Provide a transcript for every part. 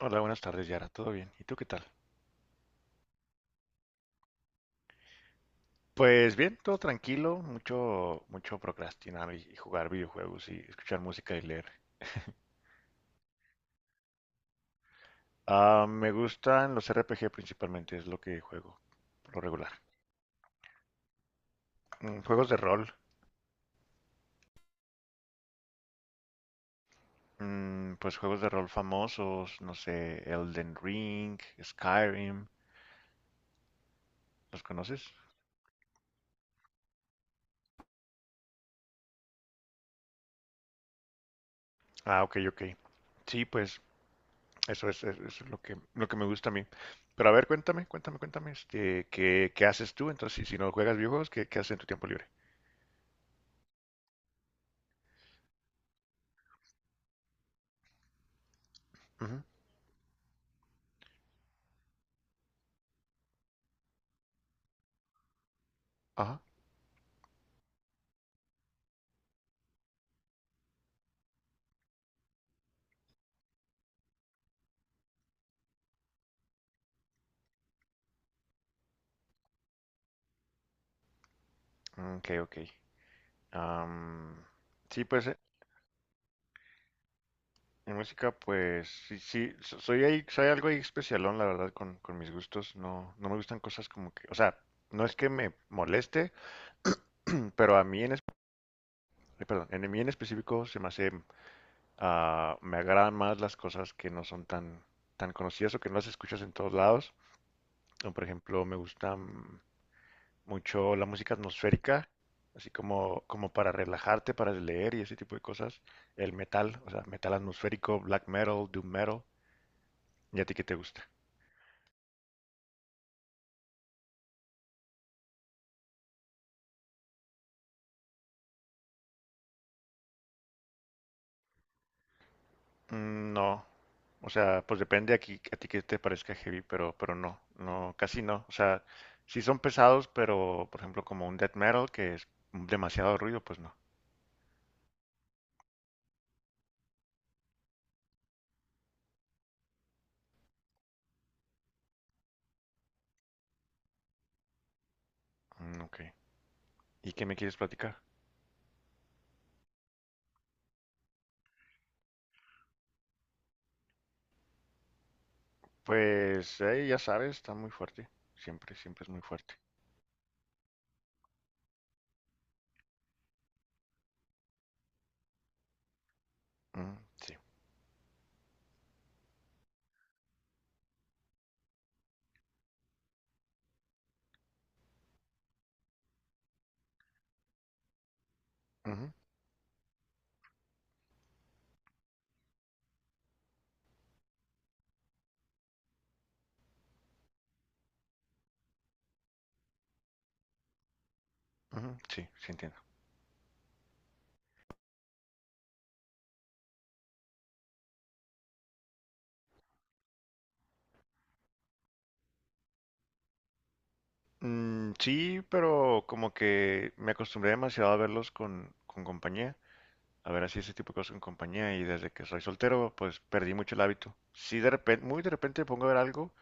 Hola, buenas tardes, Yara. ¿Todo bien? ¿Y tú qué tal? Pues bien, todo tranquilo, mucho, mucho procrastinar y jugar videojuegos y escuchar música y leer. Ah, me gustan los RPG principalmente, es lo que juego, por lo regular. Juegos de rol. Pues juegos de rol famosos, no sé, Elden Ring, Skyrim, ¿los conoces? Ah, ok, ok. Sí, pues eso es lo que me gusta a mí. Pero a ver, cuéntame, cuéntame, cuéntame, ¿qué haces tú? Entonces, si no juegas videojuegos, ¿qué haces en tu tiempo libre? Ujú. Ajá. Ok, ok. Am, sí, pues en música, pues sí, sí, soy ahí, soy algo ahí especialón, la verdad, con mis gustos. No, no me gustan cosas como que, o sea, no es que me moleste, pero a mí en, perdón, en mí en específico se me hace, me agradan más las cosas que no son tan, tan conocidas o que no las escuchas en todos lados. Por ejemplo, me gusta mucho la música atmosférica, así como para relajarte, para leer y ese tipo de cosas. El metal, o sea, metal atmosférico, black metal, doom metal. ¿Y a ti qué te gusta? No, o sea, pues depende aquí a ti que te parezca heavy, pero no, no, casi no. O sea, sí son pesados, pero por ejemplo como un death metal que es demasiado ruido, pues no. Mm, ok. ¿Y qué me quieres platicar? Pues ya sabes, está muy fuerte. Siempre, siempre es muy fuerte. Mm, sí. Ujú, ujú, sí, sí entiendo. Sí, pero como que me acostumbré demasiado a verlos con compañía, a ver así ese tipo de cosas con compañía y desde que soy soltero pues perdí mucho el hábito. Sí, de repente, muy de repente me pongo a ver algo,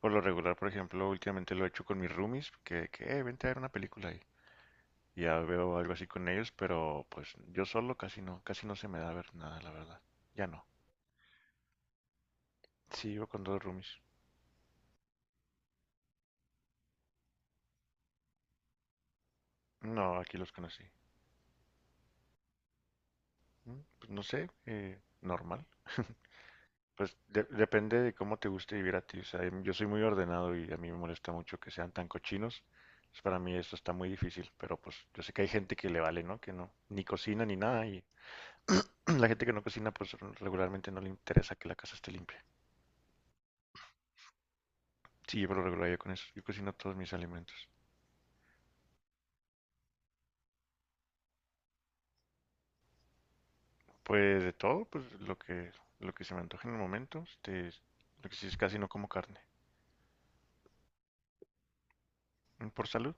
por lo regular, por ejemplo, últimamente lo he hecho con mis roomies, que vente a ver una película y ya veo algo así con ellos, pero pues yo solo casi no se me da ver nada, la verdad. Ya no. Sí, vivo con dos roomies. No, aquí los conocí. Pues no sé, normal. Pues depende de cómo te guste vivir a ti. O sea, yo soy muy ordenado y a mí me molesta mucho que sean tan cochinos. Entonces, para mí eso está muy difícil, pero pues yo sé que hay gente que le vale, ¿no? Que no, ni cocina ni nada. Y la gente que no cocina, pues regularmente no le interesa que la casa esté limpia. Sí, yo por lo regular yo con eso. Yo cocino todos mis alimentos. Pues de todo, pues lo que se me antoje en el momento. Este, lo que sí es casi no como carne. ¿Por salud?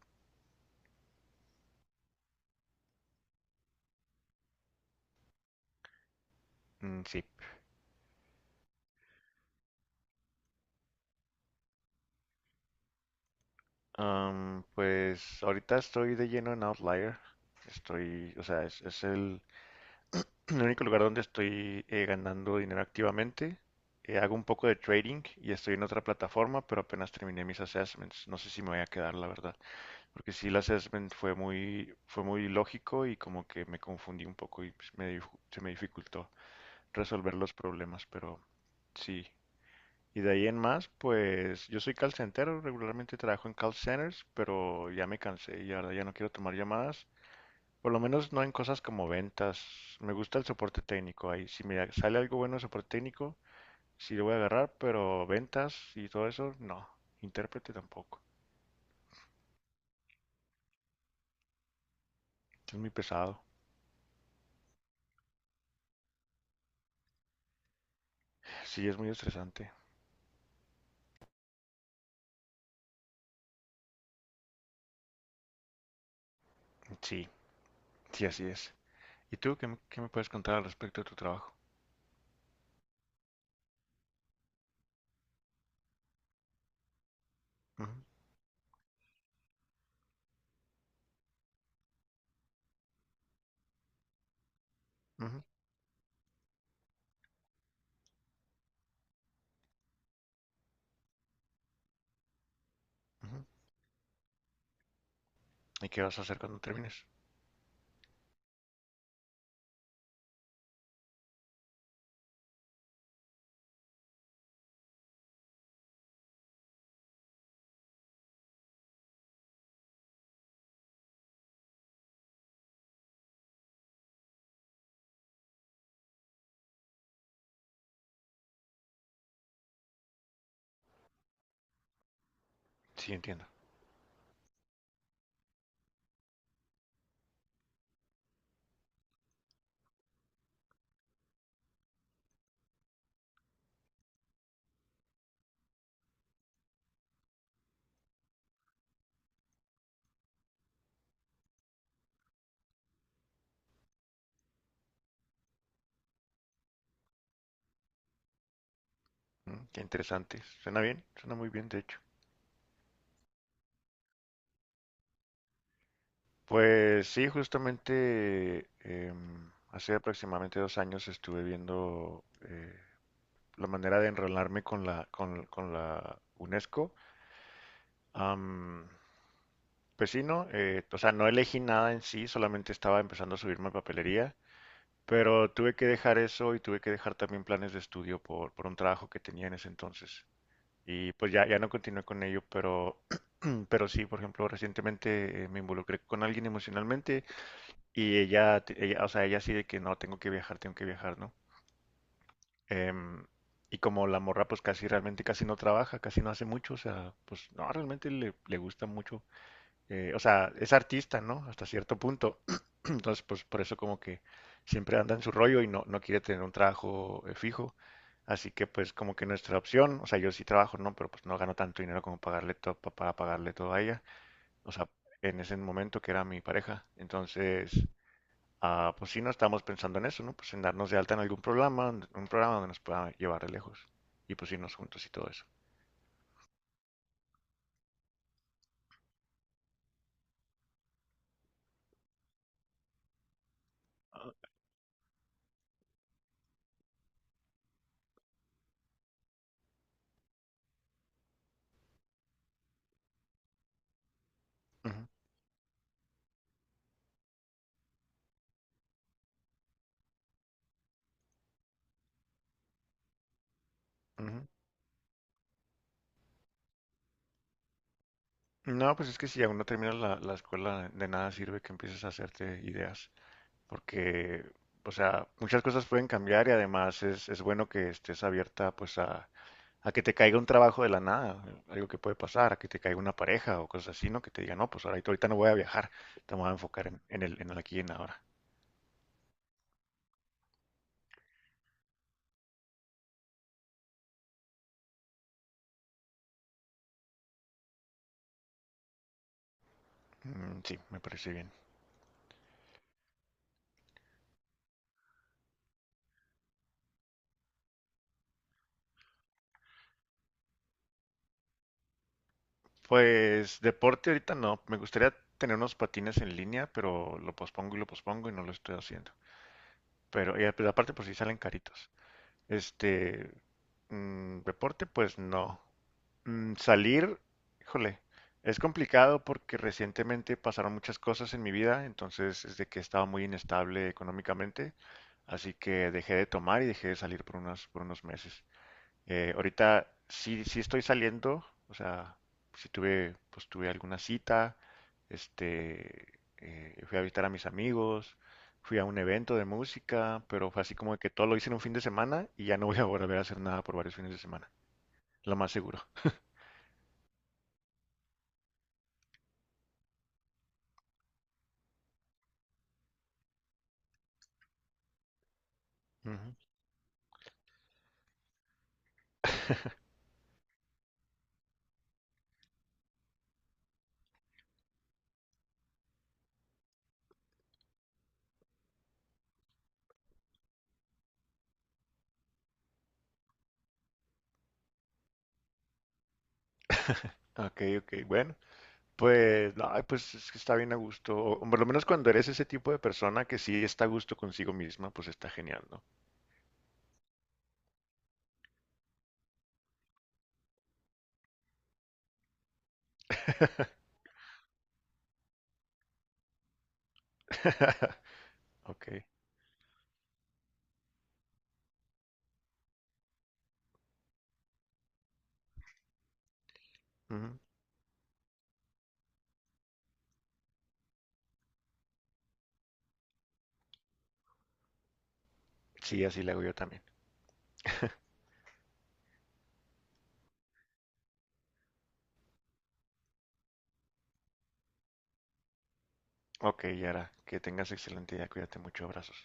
Mm, sí. Pues ahorita estoy de lleno en Outlier. Estoy, o sea, es el, el único lugar donde estoy ganando dinero activamente. Hago un poco de trading y estoy en otra plataforma, pero apenas terminé mis assessments. No sé si me voy a quedar, la verdad. Porque sí, el assessment fue muy lógico y como que me confundí un poco y pues, se me dificultó resolver los problemas, pero sí. Y de ahí en más, pues yo soy call centero, regularmente trabajo en call centers, pero ya me cansé y ahora ya no quiero tomar llamadas. Por lo menos no en cosas como ventas. Me gusta el soporte técnico ahí. Si me sale algo bueno de soporte técnico, sí lo voy a agarrar, pero ventas y todo eso, no. Intérprete tampoco. Es muy pesado. Sí, es muy estresante. Sí, sí, así es. ¿Y tú qué, qué me puedes contar al respecto de tu trabajo? Ujú, ujú, ujú. ¿Y qué vas a hacer cuando termines? Sí, entiendo. Mm, qué interesante. Suena bien, suena muy bien, de hecho. Pues sí, justamente hace aproximadamente 2 años estuve viendo la manera de enrolarme con la, con la UNESCO. Am, pues sí, ¿no? O sea, no elegí nada en sí, solamente estaba empezando a subirme a papelería, pero tuve que dejar eso y tuve que dejar también planes de estudio por un trabajo que tenía en ese entonces. Y pues ya, ya no continué con ello, pero, pero sí, por ejemplo, recientemente me involucré con alguien emocionalmente y ella, o sea, ella sí de que no, tengo que viajar, ¿no? Em, y como la morra pues casi realmente casi no trabaja, casi no hace mucho, o sea, pues no, realmente le gusta mucho. Eh, o sea, es artista, ¿no? Hasta cierto punto. Entonces, pues por eso como que siempre anda en su rollo y no, no quiere tener un trabajo fijo. Así que pues como que nuestra opción, o sea, yo sí trabajo, no, pero pues no gano tanto dinero como pagarle todo, para pagarle todo a ella. O sea, en ese momento que era mi pareja. Entonces, pues sí, no estamos pensando en eso, ¿no? Pues en darnos de alta en algún programa, un programa donde nos pueda llevar de lejos. Y pues irnos juntos y todo eso. Ujú, ujú. No, pues es que si aún no terminas la escuela, de nada sirve que empieces a hacerte ideas. Porque, o sea, muchas cosas pueden cambiar y además es bueno que estés abierta pues a que te caiga un trabajo de la nada, algo que puede pasar, a que te caiga una pareja o cosas así, ¿no? Que te diga, no, pues ahorita, ahorita no voy a viajar, te voy a enfocar en el aquí y en ahora. Sí, me parece bien. Pues deporte ahorita no, me gustaría tener unos patines en línea, pero lo pospongo y no lo estoy haciendo. Pero y pero aparte por si salen caritos. Este, Deporte pues no. Salir, híjole, es complicado porque recientemente pasaron muchas cosas en mi vida, entonces es de que estaba muy inestable económicamente, así que dejé de tomar y dejé de salir por unos meses. Ahorita sí, sí estoy saliendo, o sea, sí tuve, pues tuve alguna cita, este, fui a visitar a mis amigos, fui a un evento de música, pero fue así como que todo lo hice en un fin de semana y ya no voy a volver a hacer nada por varios fines de semana, lo más seguro. Ujú. Ok, ok, bueno, pues, no, ay, pues es que está bien a gusto, o por lo menos cuando eres ese tipo de persona que sí está a gusto consigo misma, pues está genial, ¿no? Ok, ujú. Sí, así le hago yo también. Ok, Yara, que tengas excelente día, cuídate mucho, abrazos.